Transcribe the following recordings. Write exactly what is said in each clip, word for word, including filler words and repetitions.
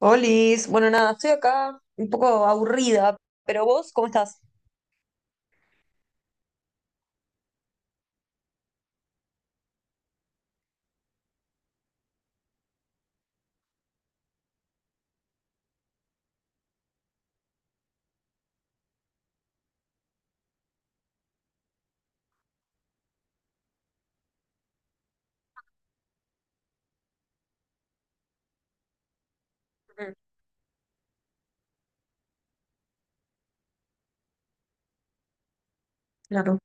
Olis, bueno, nada, estoy acá un poco aburrida, pero vos, ¿cómo estás? Mm. Claro.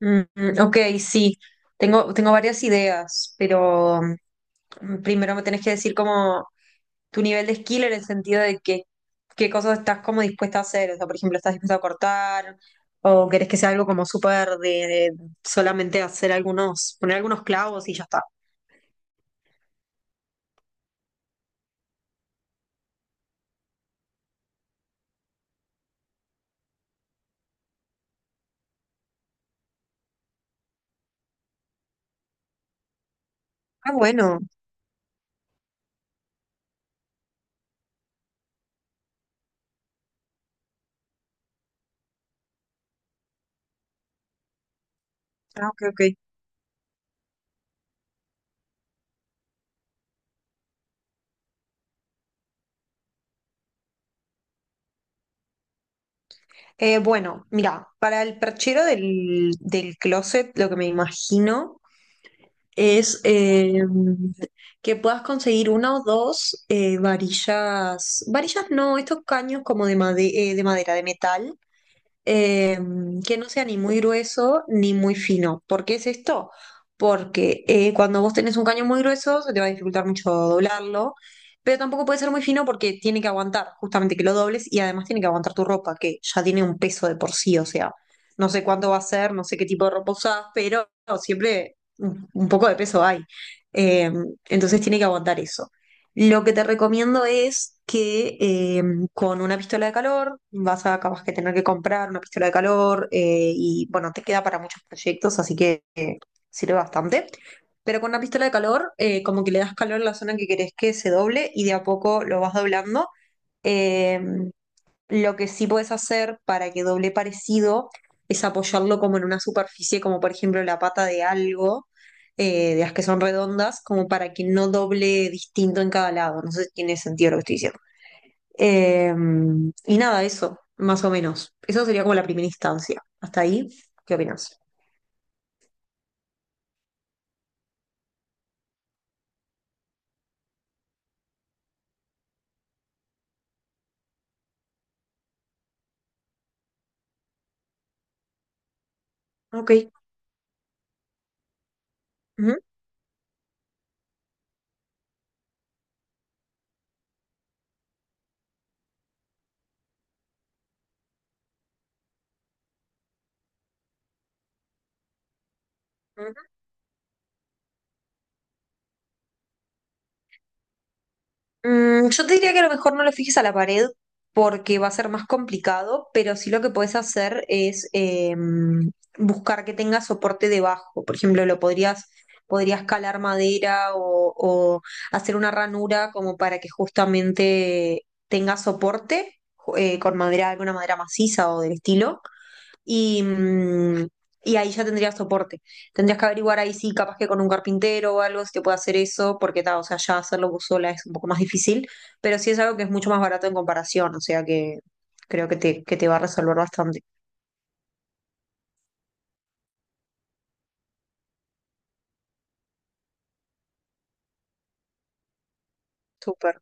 Mm, mm, ok, sí, tengo, tengo varias ideas, pero mm, primero me tenés que decir como tu nivel de skill en el sentido de que, qué cosas estás como dispuesta a hacer, o sea, por ejemplo, ¿estás dispuesta a cortar? ¿O querés que sea algo como súper de, de solamente hacer algunos, poner algunos clavos y ya está? Ah, bueno. Ah, ok, ok. Eh, bueno, mira, para el perchero del, del closet, lo que me imagino es eh, que puedas conseguir una o dos eh, varillas, varillas no, estos caños como de, made- eh, de madera, de metal, eh, que no sea ni muy grueso ni muy fino. ¿Por qué es esto? Porque eh, cuando vos tenés un caño muy grueso se te va a dificultar mucho doblarlo, pero tampoco puede ser muy fino porque tiene que aguantar justamente que lo dobles y además tiene que aguantar tu ropa, que ya tiene un peso de por sí, o sea, no sé cuánto va a ser, no sé qué tipo de ropa usás, pero siempre un, un poco de peso hay. Eh, entonces tiene que aguantar eso. Lo que te recomiendo es que eh, con una pistola de calor vas a capaz que tener que comprar una pistola de calor eh, y bueno, te queda para muchos proyectos, así que eh, sirve bastante. Pero con una pistola de calor, eh, como que le das calor a la zona que querés que se doble y de a poco lo vas doblando. Eh, lo que sí puedes hacer para que doble parecido es apoyarlo como en una superficie, como por ejemplo la pata de algo, eh, de las que son redondas, como para que no doble distinto en cada lado. No sé si tiene sentido lo que estoy diciendo. Eh, y nada, eso, más o menos. Eso sería como la primera instancia. Hasta ahí, ¿qué opinas? Ok. Ujú, ujú. Mm, yo te diría que a lo mejor no lo fijes a la pared porque va a ser más complicado, pero sí lo que puedes hacer es eh, buscar que tenga soporte debajo. Por ejemplo, lo podrías, podrías calar madera o, o hacer una ranura como para que justamente tenga soporte. Ju- eh, con madera, alguna madera maciza o del estilo, y, mm, y ahí ya tendrías soporte. Tendrías que averiguar ahí sí, capaz que con un carpintero o algo, si te puede hacer eso, porque ta, o sea, ya hacerlo vos sola es un poco más difícil, pero sí es algo que es mucho más barato en comparación, o sea que creo que te, que te va a resolver bastante. Súper.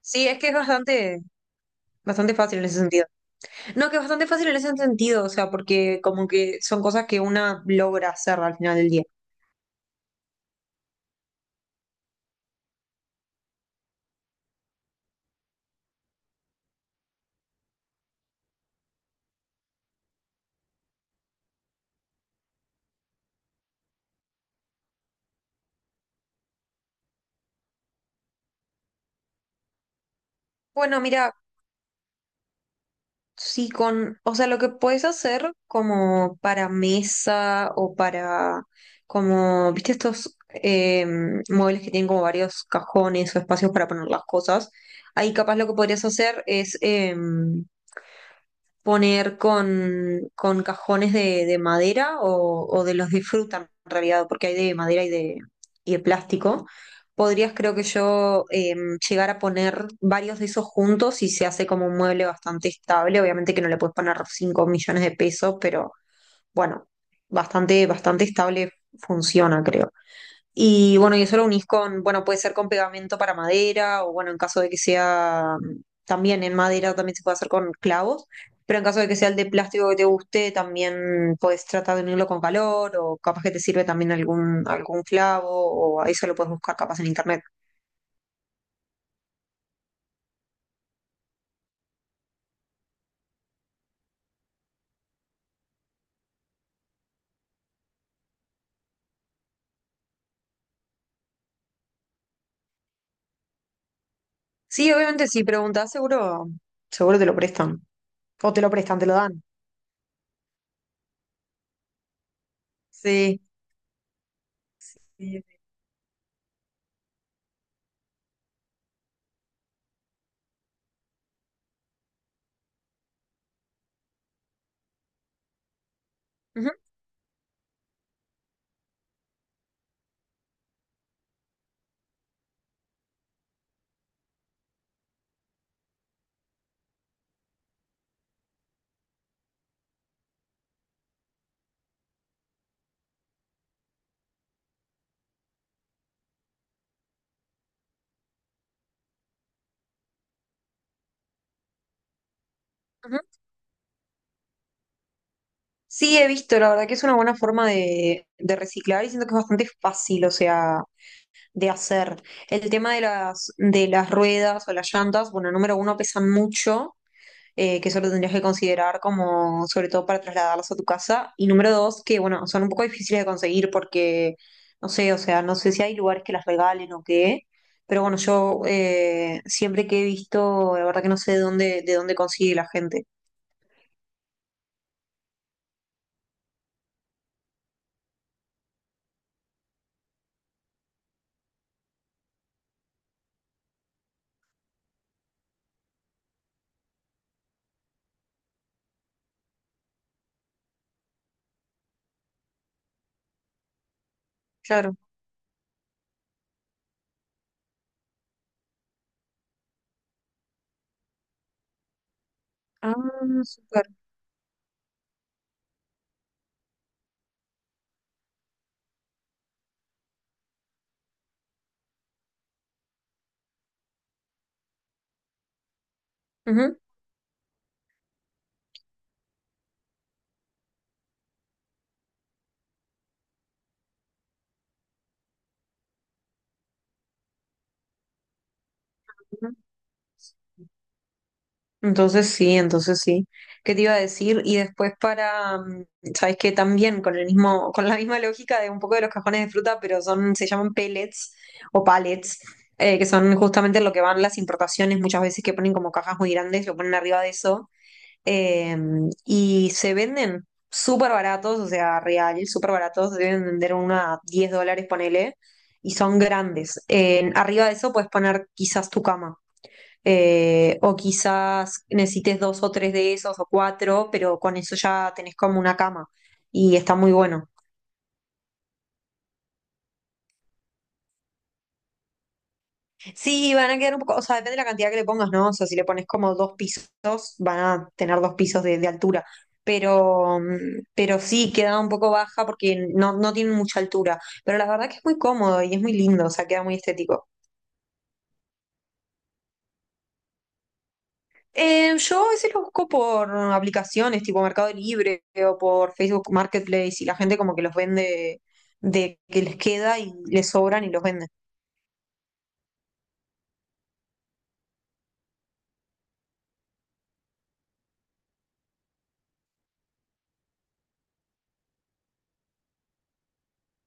Sí, es que es bastante, bastante fácil en ese sentido. No, que es bastante fácil en ese sentido, o sea, porque como que son cosas que una logra hacer al final del día. Bueno, mira, sí, con, o sea, lo que puedes hacer como para mesa o para, como, viste, estos eh, muebles que tienen como varios cajones o espacios para poner las cosas, ahí capaz lo que podrías hacer es, eh, poner con, con cajones de, de madera o, o de los de fruta en realidad, porque hay de madera y de, y de plástico. Podrías, creo que yo, eh, llegar a poner varios de esos juntos y se hace como un mueble bastante estable. Obviamente que no le puedes poner cinco millones de pesos, pero bueno, bastante, bastante estable funciona, creo. Y bueno, y eso lo unís con, bueno, puede ser con pegamento para madera o bueno, en caso de que sea mm, también en madera, también se puede hacer con clavos, pero en caso de que sea el de plástico que te guste, también puedes tratar de unirlo con calor o capaz que te sirve también algún, algún clavo o eso lo puedes buscar capaz en internet. Sí, obviamente si preguntas, seguro, seguro te lo prestan. O te lo prestan, te lo dan. Sí. Sí. Ujú, ujú. Sí, he visto, la verdad que es una buena forma de, de reciclar y siento que es bastante fácil, o sea, de hacer. El tema de las, de las ruedas o las llantas, bueno, número uno, pesan mucho, eh, que eso lo tendrías que considerar como, sobre todo para trasladarlas a tu casa. Y número dos, que bueno, son un poco difíciles de conseguir porque, no sé, o sea, no sé si hay lugares que las regalen o qué. Pero bueno, yo eh, siempre que he visto, la verdad que no sé de dónde, de dónde consigue la gente. Claro. Ah, súper. Ujú. Entonces sí, entonces sí. ¿Qué te iba a decir? Y después para, mm, ¿sabes qué? También con el mismo, con la misma lógica de un poco de los cajones de fruta, pero son, se llaman pellets o pallets, eh, que son justamente lo que van las importaciones, muchas veces que ponen como cajas muy grandes, lo ponen arriba de eso, eh, y se venden súper baratos, o sea, real, súper baratos, deben vender una diez dólares, ponele, y son grandes. Eh, arriba de eso puedes poner quizás tu cama eh, o quizás necesites dos o tres de esos o cuatro, pero con eso ya tenés como una cama y está muy bueno. Sí, van a quedar un poco, o sea, depende de la cantidad que le pongas, ¿no? O sea, si le pones como dos pisos, van a tener dos pisos de, de altura. Pero, mm, pero sí, queda un poco baja porque no, no tienen mucha altura. Pero la verdad que es muy cómodo y es muy lindo, o sea, queda muy estético. Eh, yo a veces los busco por aplicaciones tipo Mercado Libre o por Facebook Marketplace y la gente como que los vende de que les queda y les sobran y los venden.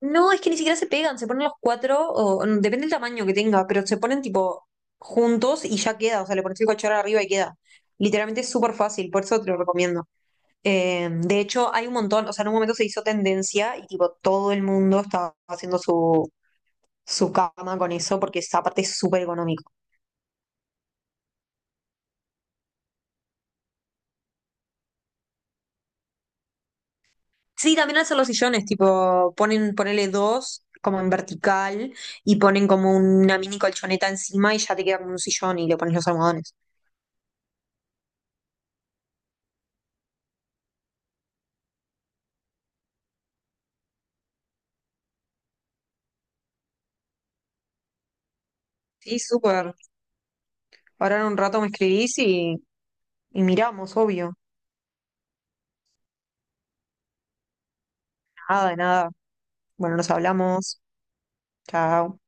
No, es que ni siquiera se pegan, se ponen los cuatro, o, mm, depende del tamaño que tenga, pero se ponen tipo juntos y ya queda, o sea, le pones el cachorro arriba y queda. Literalmente es súper fácil, por eso te lo recomiendo. Eh, de hecho, hay un montón, o sea, en un momento se hizo tendencia y tipo todo el mundo estaba haciendo su, su cama con eso porque es, aparte es súper económico. Sí, también hacen los sillones, tipo, ponen, ponele dos como en vertical y ponen como una mini colchoneta encima y ya te queda como un sillón y le pones los almohadones. Sí, súper. Ahora en un rato me escribís y, y miramos, obvio. Nada, de nada. Bueno, nos hablamos. Chao.